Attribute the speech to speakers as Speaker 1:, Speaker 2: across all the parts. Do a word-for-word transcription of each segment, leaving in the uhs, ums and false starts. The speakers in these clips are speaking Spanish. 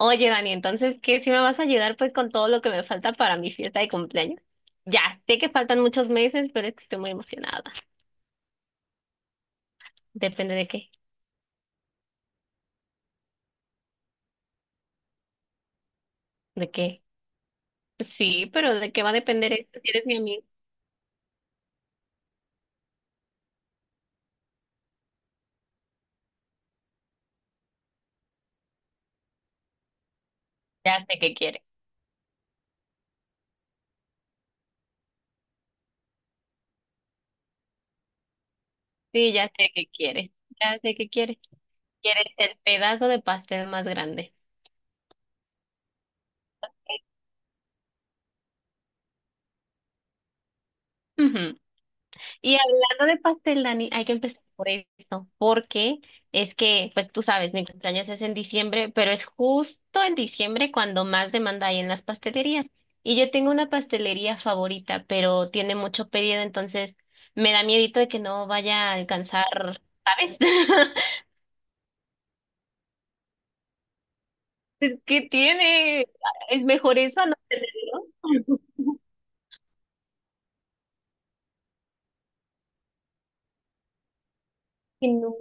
Speaker 1: Oye, Dani, entonces, ¿qué si me vas a ayudar pues con todo lo que me falta para mi fiesta de cumpleaños? Ya, sé que faltan muchos meses, pero es que estoy muy emocionada. Depende de qué, de qué. Sí, pero ¿de qué va a depender esto si eres mi amigo? Ya sé qué quiere. Sí, ya sé qué quiere. Ya sé qué quiere. Quieres el pedazo de pastel más grande. Ujú. Y hablando de pastel, Dani, hay que empezar por eso, porque es que, pues tú sabes, mi cumpleaños es en diciembre, pero es justo en diciembre cuando más demanda hay en las pastelerías. Y yo tengo una pastelería favorita, pero tiene mucho pedido, entonces me da miedito de que no vaya a alcanzar, ¿sabes? Es que tiene, es mejor eso a no tenerlo. Que no.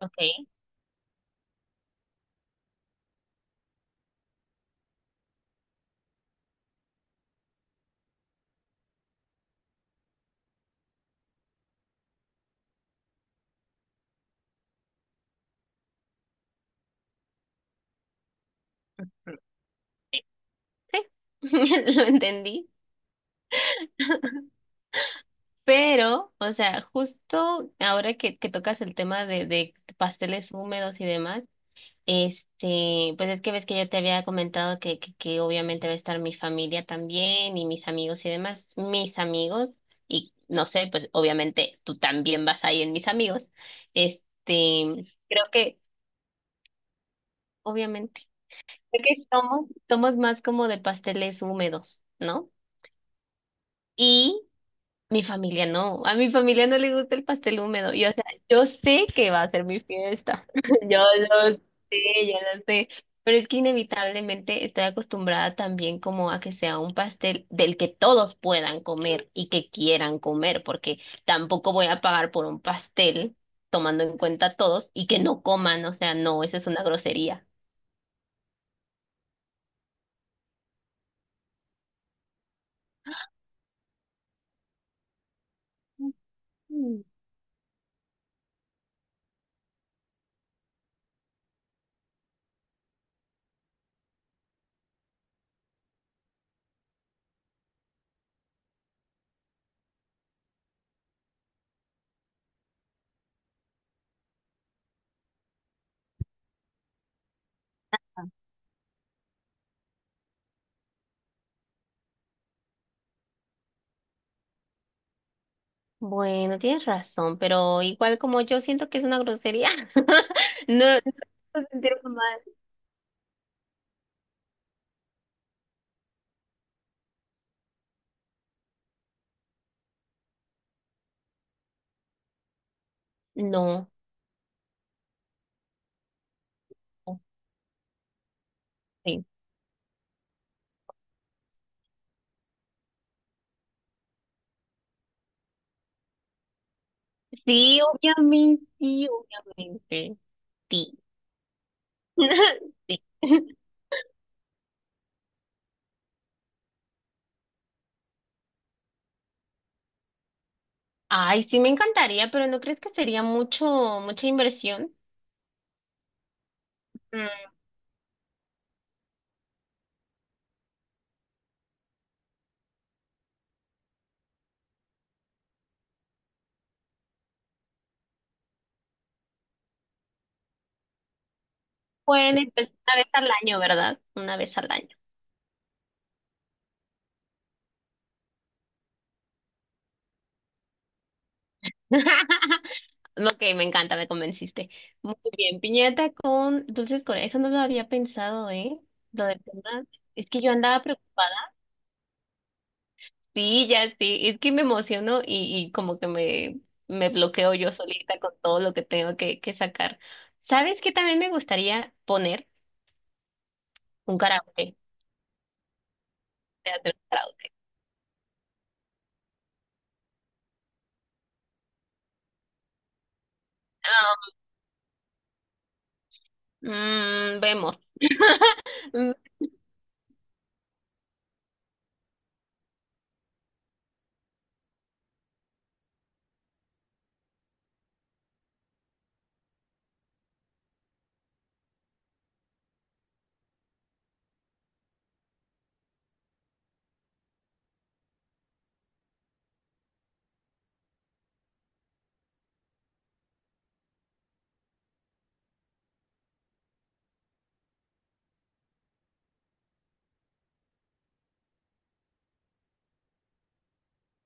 Speaker 1: Ok, sí, lo entendí. Pero, o sea, justo ahora que, que tocas el tema de, de pasteles húmedos y demás, este, pues es que ves que yo te había comentado que, que, que obviamente va a estar mi familia también y mis amigos y demás, mis amigos, y no sé, pues obviamente tú también vas ahí en mis amigos. Este, creo que, obviamente, creo que somos, somos más como de pasteles húmedos, ¿no? Y mi familia no, a mi familia no le gusta el pastel húmedo. Yo, o sea, yo sé que va a ser mi fiesta. Yo lo sé, yo lo sé. Pero es que inevitablemente estoy acostumbrada también como a que sea un pastel del que todos puedan comer y que quieran comer, porque tampoco voy a pagar por un pastel tomando en cuenta a todos y que no coman, o sea, no, eso es una grosería. Mm. Bueno, tienes razón, pero igual como yo siento que es una grosería, no, no se sentir mal. No, sí. Sí, obviamente, sí, obviamente. Sí. Sí. Ay, sí me encantaría, pero ¿no crees que sería mucho, mucha inversión? Mm, pueden empezar una vez al año, ¿verdad? Una vez al año. Ok, me encanta, me convenciste. Muy bien, piñata con dulces Corea. Eso no lo había pensado, ¿eh? Lo del tema. Es que yo andaba preocupada. Sí, ya sí, es que me emociono y, y como que me, me bloqueo yo solita con todo lo que tengo que, que sacar. ¿Sabes qué también me gustaría poner? Un karaoke, teatro de karaoke. Ah, mm, vemos.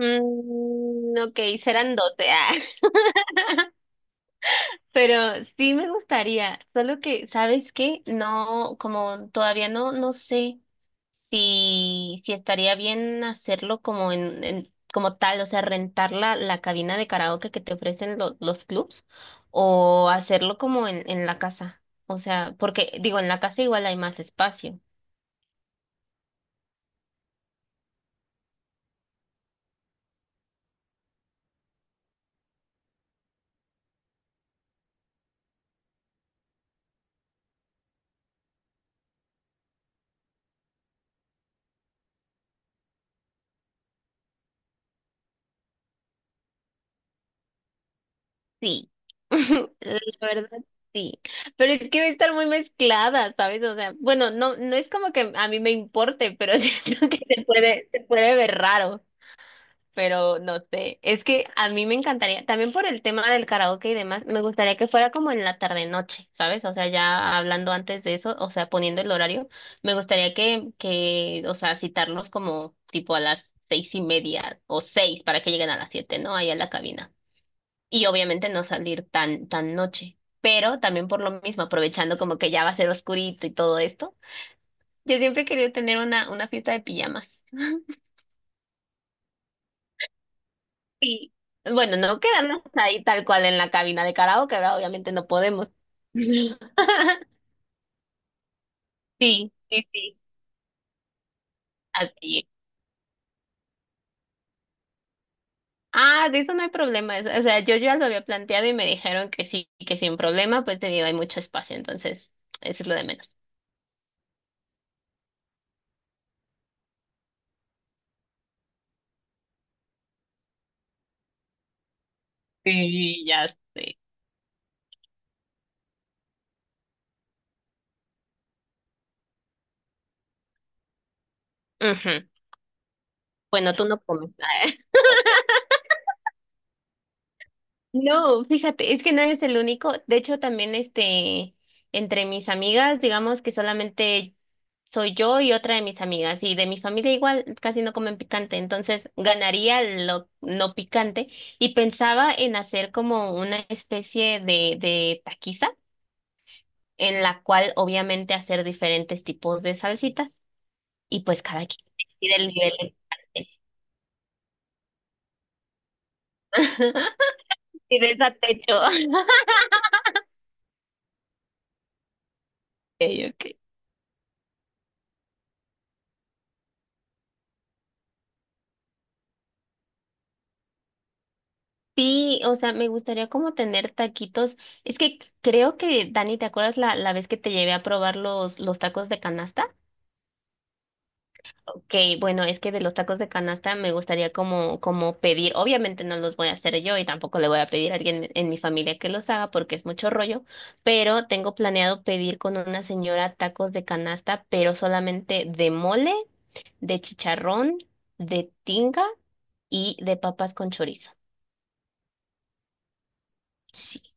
Speaker 1: Mm, ok, serán doce, ah, Pero sí me gustaría, solo que, ¿sabes qué? No, como todavía no, no sé. Si, si estaría bien hacerlo como en, en- como tal, o sea, rentar la, la cabina de karaoke que te ofrecen lo- los clubs o hacerlo como en, en la casa. O sea, porque digo, en la casa igual hay más espacio. Sí. La verdad, sí. Pero es que va a estar muy mezclada, ¿sabes? O sea, bueno, no, no es como que a mí me importe, pero siento que se puede, se puede ver raro. Pero no sé. Es que a mí me encantaría, también por el tema del karaoke y demás, me gustaría que fuera como en la tarde-noche, ¿sabes? O sea, ya hablando antes de eso, o sea, poniendo el horario, me gustaría que, que, o sea, citarlos como tipo a las seis y media o seis para que lleguen a las siete, ¿no? Ahí a la cabina. Y obviamente no salir tan, tan noche. Pero también por lo mismo, aprovechando como que ya va a ser oscurito y todo esto. Yo siempre he querido tener una, una fiesta de pijamas. Y bueno, no quedarnos ahí tal cual en la cabina de karaoke, ¿verdad? Obviamente no podemos. Sí, sí, sí, así es. Ah, de eso no hay problema. Es- o sea, yo ya lo había planteado y me dijeron que sí, que sin problema, pues te digo, hay mucho espacio, entonces, eso es lo de menos. Sí, ya sé. Ujú. Bueno, tú no comes. No, fíjate, es que no eres el único. De hecho, también este, entre mis amigas, digamos que solamente soy yo y otra de mis amigas. Y de mi familia igual casi no comen picante, entonces ganaría lo no picante. Y pensaba en hacer como una especie de, de taquiza, en la cual obviamente hacer diferentes tipos de salsitas. Y pues cada quien decide el nivel de picante. Y de esa techo. Okay, okay. Sí, o sea, me gustaría como tener taquitos. Es que creo que, Dani, ¿te acuerdas la, la vez que te llevé a probar los, los tacos de canasta? Ok, bueno, es que de los tacos de canasta me gustaría como, como pedir, obviamente no los voy a hacer yo y tampoco le voy a pedir a alguien en mi familia que los haga porque es mucho rollo, pero tengo planeado pedir con una señora tacos de canasta, pero solamente de mole, de chicharrón, de tinga y de papas con chorizo. Sí.